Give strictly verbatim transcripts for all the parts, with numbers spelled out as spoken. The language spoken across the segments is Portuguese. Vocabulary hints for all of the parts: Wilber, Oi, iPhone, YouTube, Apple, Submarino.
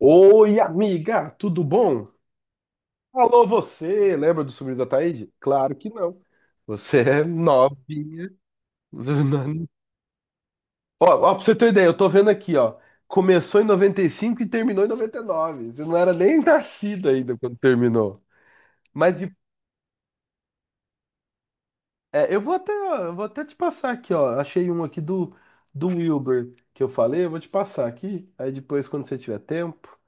Oi, amiga, tudo bom? Alô, você, lembra do sobrinho da Taíde? Claro que não. Você é novinha. Ó, ó, pra você ter ideia, eu tô vendo aqui, ó. Começou em noventa e cinco e terminou em noventa e nove. Você não era nem nascida ainda quando terminou. Mas de- é, eu vou até, eu vou até te passar aqui, ó. Achei um aqui do, do Wilber que eu falei, eu vou te passar aqui. Aí depois, quando você tiver tempo,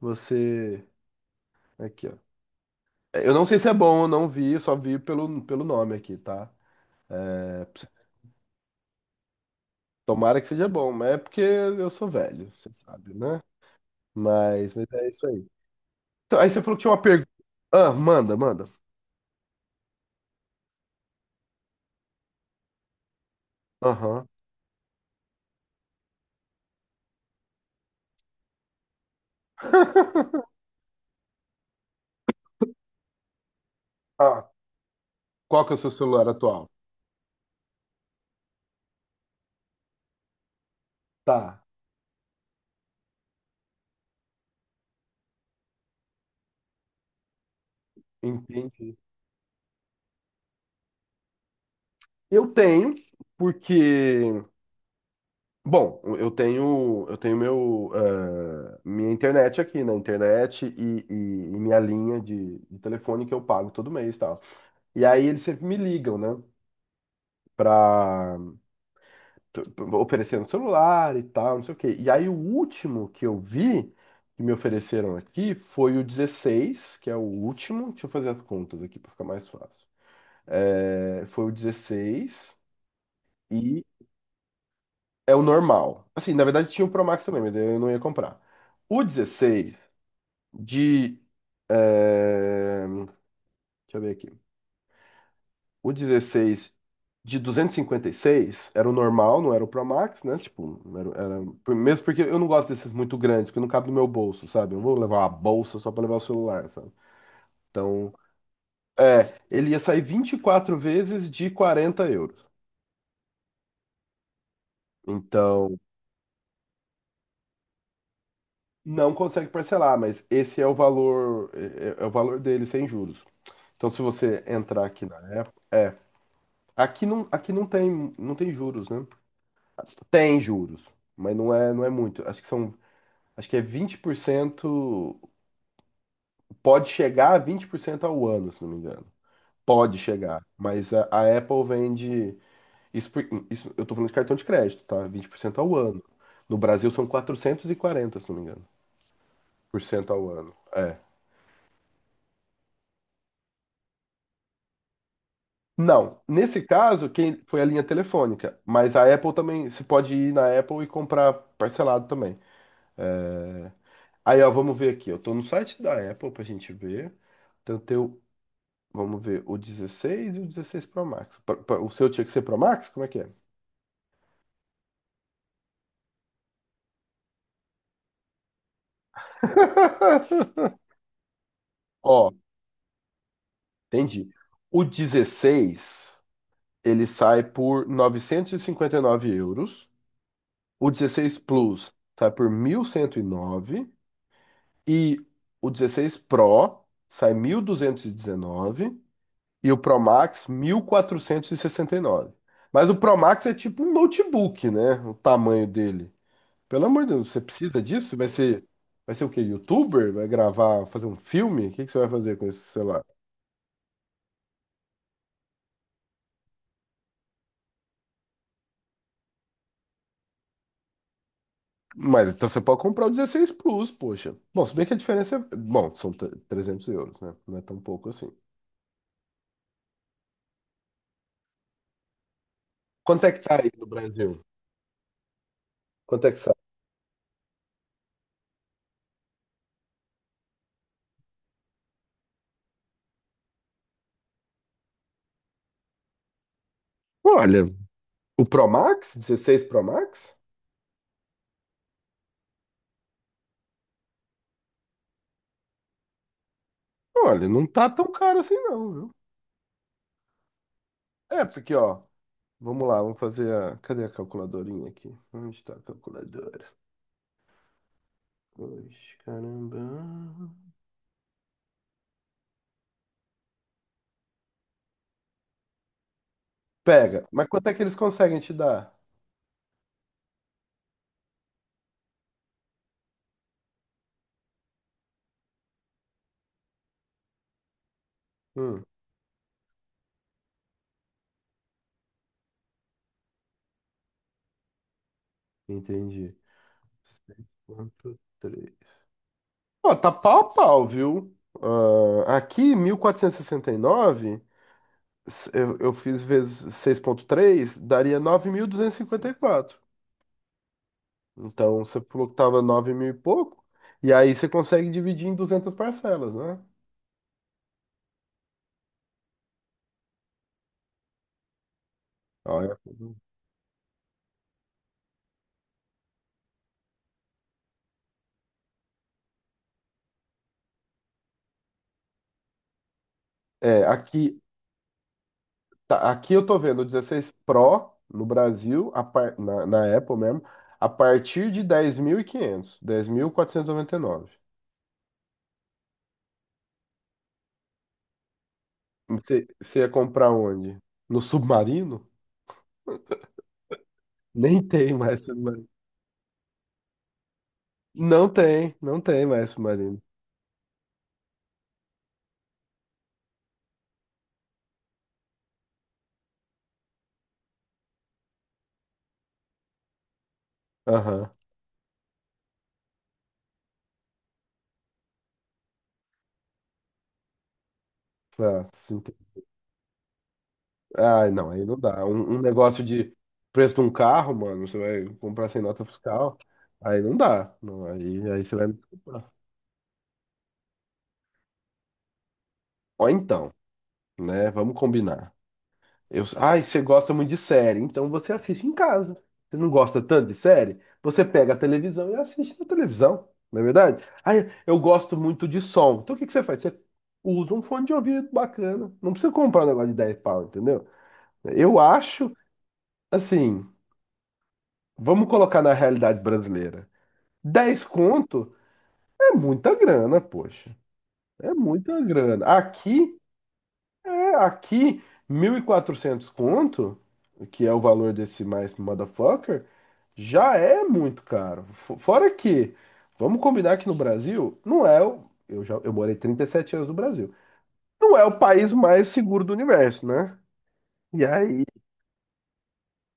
você. Aqui, ó. É, Eu não sei se é bom, eu não vi, eu só vi pelo, pelo nome aqui, tá? É, Tomara que seja bom, mas é porque eu sou velho, você sabe, né? Mas, mas é isso aí. Então, aí você falou que tinha uma pergunta. Ah, manda, manda. Aham. Ah, qual que é o seu celular atual? Tá, entendi. Eu tenho, porque, bom, eu tenho, eu tenho meu, eh, minha internet aqui, né? Internet e, e- e minha linha de, de telefone que eu pago todo mês e tal. E aí eles sempre me ligam, né? Pra, t- oferecendo celular e tal, não sei o quê. E aí o último que eu vi que me ofereceram aqui foi o dezesseis, que é o último. Deixa eu fazer as contas aqui para ficar mais fácil. É, foi o dezesseis e é o normal. Assim, na verdade tinha o Pro Max também, mas eu não ia comprar. O dezesseis de. É, deixa eu ver aqui. O dezesseis de duzentos e e cinquenta e seis era o normal, não era o Pro Max, né? Tipo, era, era- por- mesmo porque eu não gosto desses muito grandes, porque não cabe no meu bolso, sabe? Eu vou levar uma bolsa só pra levar o celular, sabe? Então, é, ele ia sair vinte e quatro vezes de quarenta euros. Então, não consegue parcelar, mas esse é o valor, é, é é o valor dele sem juros. Então, se você entrar aqui na Apple, é, aqui não, aqui não tem, não tem juros, né? Tem juros, mas não é, não é muito. Acho que são Acho que é vinte por cento, pode chegar a vinte por cento ao ano, se não me engano. Pode chegar, mas a, a Apple vende, isso, por- isso- eu tô falando de cartão de crédito, tá? Vinte por cento ao ano. No Brasil são quatrocentos e quarenta, se não me engano, por cento ao ano. É. Não, nesse caso, quem foi a linha telefônica, mas a Apple também, você pode ir na Apple e comprar parcelado também. É, aí, ó, vamos ver aqui, eu tô no site da Apple pra gente ver. Então, tem o Vamos ver, o dezesseis e o dezesseis Pro Max. Pa- pa- O seu tinha que ser Pro Max? Como é que é? Ó, entendi. O dezesseis, ele sai por novecentos e e cinquenta e nove euros. O dezesseis Plus sai por mil cento e nove, e o dezesseis Pro sai mil duzentos e dezenove, e o Pro Max, mil quatrocentos e e sessenta e nove Mas o Pro Max é tipo um notebook, né? O tamanho dele. Pelo amor de Deus, você precisa disso? Você Vai ser, vai ser o quê? YouTuber? Vai gravar, fazer um filme? O que que você vai fazer com esse celular? Mas então você pode comprar o dezesseis Plus, poxa. Bom, se bem que a diferença é. Bom, são tre- trezentos euros, né? Não é tão pouco assim. Quanto é que tá aí no Brasil? Quanto é que sai? Olha, o Pro Max, dezesseis Pro Max? Olha, não tá tão caro assim não, viu? É, porque ó, vamos lá, vamos fazer a... Cadê a calculadorinha aqui? Onde está a calculadora? Poxa, caramba. Pega. Mas quanto é que eles conseguem te dar? Hum, entendi. Seis ponto três. Ó, tá pau a pau, viu? Ah, aqui, mil quatrocentos e sessenta e nove, s- eu, eu fiz vezes seis ponto três, daria nove mil duzentos e e cinquenta e quatro Então, você falou que tava nove mil e pouco, e aí você consegue dividir em duzentas parcelas, né? Ó, É, É, aqui, Tá, aqui eu tô vendo o dezesseis Pro no Brasil, a par- na, na Apple mesmo, a partir de dez dez mil mil e quinhentos dez mil quatrocentos dez mil e quinhentos, dez mil quatrocentos e noventa e nove. Você você ia comprar onde? No submarino? Nem tem mais submarino. Não tem, não tem mais submarino. Aham. Ah, sim. Ai, não, aí não dá. Um, um negócio de preço de um carro, mano, você vai comprar sem nota fiscal, aí não dá. Não, aí, aí você vai me desculpar. Ó, então, né? Vamos combinar. Eu, ai, você gosta muito de série, então você assiste em casa. Você não gosta tanto de série? Você pega a televisão e assiste na televisão, não é verdade? Ai, eu gosto muito de som. Então o que que você faz? Você usa um fone de ouvido bacana. Não precisa comprar um negócio de dez pau, entendeu? Eu acho, assim, vamos colocar na realidade brasileira. Dez conto é muita grana, poxa. É muita grana. Aqui, Tá, Aqui, mil e quatrocentos conto, que é o valor desse mais motherfucker, já é muito caro. Fo- Fora que, vamos combinar que no Brasil, não é o. Eu já, eu morei trinta e sete anos no Brasil. Não é o país mais seguro do universo, né? E aí,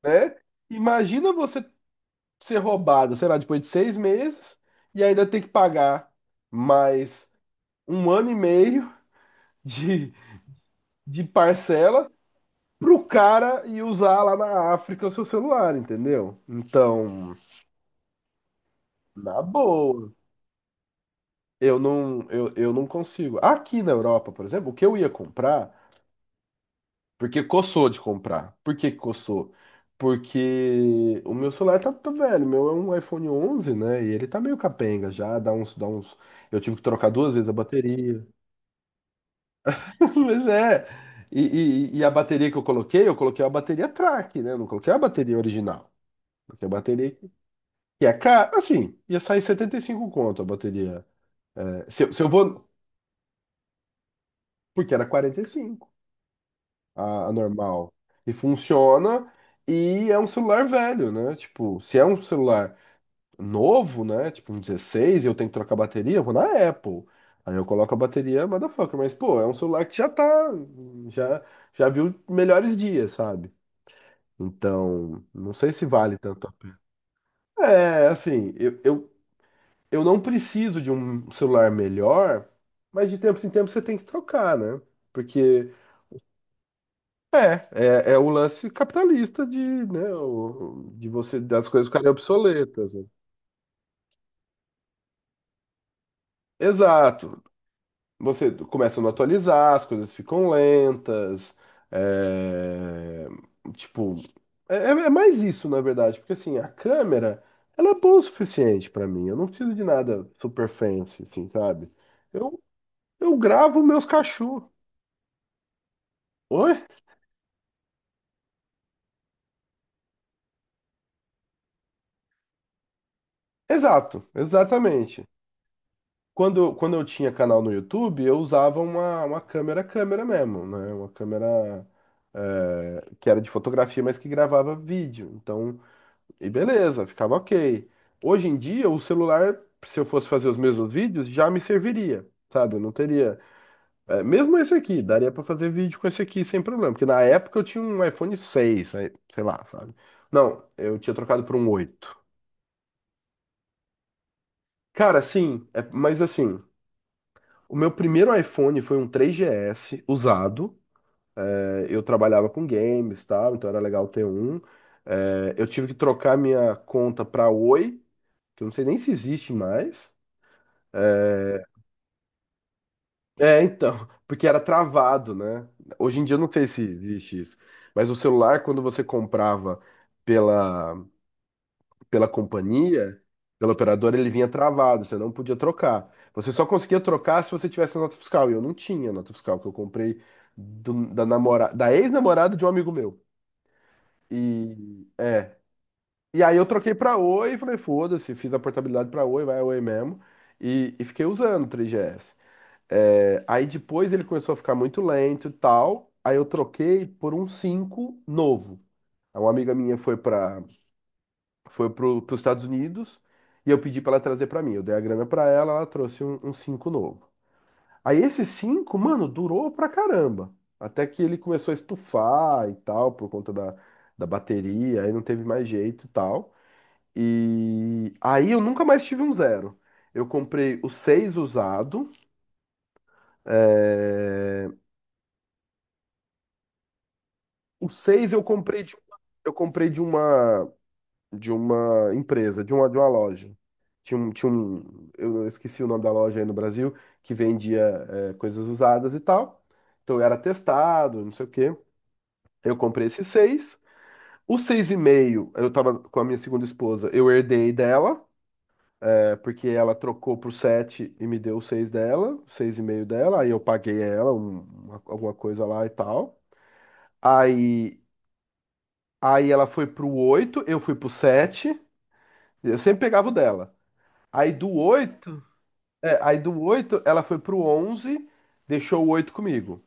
né? Imagina você ser roubado, sei lá, depois de seis meses, e ainda ter que pagar mais um ano e meio de, de parcela pro cara e usar lá na África o seu celular, entendeu? Então, na boa, eu não, eu, eu não consigo. Aqui na Europa, por exemplo, o que eu ia comprar, porque coçou de comprar. Por que que coçou? Porque o meu celular tá, tá velho, o meu é um iPhone onze, né? E ele tá meio capenga já, dá uns, dá uns. Eu tive que trocar duas vezes a bateria. Mas é. E, e, e a bateria que eu coloquei, eu coloquei a bateria track, né? Não coloquei a bateria original. Coloquei a bateria Que é caro, assim, ia sair setenta e cinco conto a bateria. É, se, eu se eu vou. Porque era quarenta e cinco a, a normal. E funciona. E é um celular velho, né? Tipo, se é um celular novo, né? Tipo, um dezesseis, e eu tenho que trocar a bateria, eu vou na Apple. Aí eu coloco a bateria, motherfucker. Mas, pô, é um celular que já tá. Já, já viu melhores dias, sabe? Então, não sei se vale tanto a pena. É, assim, eu, eu eu não preciso de um celular melhor, mas de tempos em tempos você tem que trocar, né? Porque é, é o lance capitalista de, né, o- de você das coisas ficarem obsoletas, né? Exato. Você começa a não atualizar, as coisas ficam lentas. é, tipo, é, é é mais isso, na verdade, porque assim, a câmera, ela é boa o suficiente pra mim. Eu não preciso de nada super fancy, assim, sabe? Eu, eu gravo meus cachorros. Oi? Exato, exatamente. Quando, quando eu tinha canal no YouTube, eu usava uma, uma câmera câmera mesmo, né? Uma câmera, é, que era de fotografia, mas que gravava vídeo. Então, e beleza, ficava ok. Hoje em dia, o celular, se eu fosse fazer os mesmos vídeos, já me serviria, sabe? Eu não teria. É, mesmo esse aqui, daria pra fazer vídeo com esse aqui sem problema. Porque na época eu tinha um iPhone seis aí, sei lá, sabe? Não, eu tinha trocado por um oito. Cara, sim, é- mas assim. O meu primeiro iPhone foi um três G S usado. É, eu trabalhava com games, tal, então era legal ter um. É, eu tive que trocar minha conta para Oi, que eu não sei nem se existe mais. É, é, então, porque era travado, né? Hoje em dia eu não sei se existe isso. Mas o celular, quando você comprava pela pela companhia, pela operadora, ele vinha travado, você não podia trocar. Você só conseguia trocar se você tivesse a nota fiscal. E eu não tinha nota fiscal, que eu comprei do- da namora, da ex-namorada de um amigo meu. E, e aí eu troquei pra Oi e falei, foda-se, fiz a portabilidade pra Oi, vai a Oi mesmo. E, e fiquei usando o três G S. É, aí depois ele começou a ficar muito lento e tal. Aí eu troquei por um cinco novo. Aí uma amiga minha foi pra, foi pro, pros Estados Unidos, e eu pedi pra ela trazer pra mim. Eu dei a grana pra ela, ela trouxe um, um cinco novo. Aí esse cinco, mano, durou pra caramba. Até que ele começou a estufar e tal, por conta da, da bateria, aí não teve mais jeito e tal. E aí eu nunca mais tive um zero. Eu comprei o seis usado. é, O seis eu comprei de, eu comprei de uma. De uma empresa, de uma, de uma loja. Tinha um, tinha um, eu esqueci o nome da loja aí no Brasil, que vendia eh, coisas usadas e tal. Então eu era testado, não sei o quê. Eu comprei esses seis. Os seis e meio, eu tava com a minha segunda esposa, eu herdei dela, é porque ela trocou pro sete e me deu os seis dela, os seis e meio dela, aí eu paguei ela um- uma- alguma coisa lá e tal. Aí, aí ela foi pro oito, eu fui pro sete, eu sempre pegava o dela. Aí do oito É, aí do oito, ela foi pro onze, deixou o oito comigo.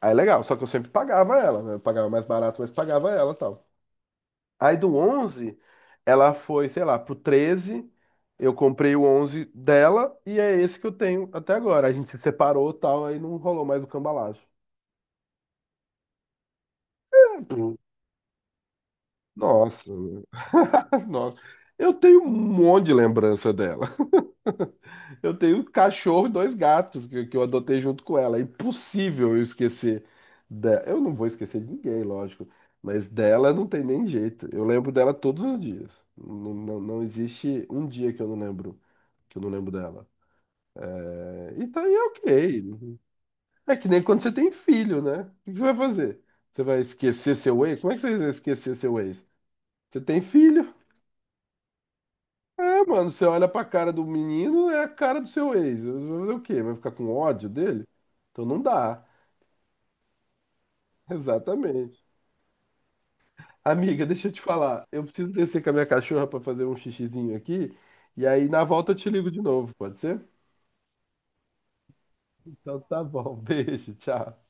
Aí é legal, só que eu sempre pagava ela, né? Eu pagava mais barato, mas pagava ela e tal. Aí do onze, ela foi, sei lá, pro treze. Eu comprei o onze dela, e é esse que eu tenho até agora. A gente se separou e tal, aí não rolou mais o cambalacho. Nossa, nossa. Eu tenho um monte de lembrança dela. Eu tenho um cachorro e dois gatos que, que eu adotei junto com ela. É impossível eu esquecer dela. Eu não vou esquecer de ninguém, lógico. Mas dela não tem nem jeito. Eu lembro dela todos os dias. Não, não, não existe um dia que eu não lembro, que eu não lembro dela. É, e tá aí ok. É que nem quando você tem filho, né? O que você vai fazer? Você vai esquecer seu ex? Como é que você vai esquecer seu ex? Você tem filho? É, mano, você olha pra cara do menino, é a cara do seu ex. Você vai fazer o quê? Vai ficar com ódio dele? Então não dá. Exatamente. Amiga, deixa eu te falar. Eu preciso descer com a minha cachorra pra fazer um xixizinho aqui. E aí, na volta, eu te ligo de novo, pode ser? Então tá bom. Beijo, tchau.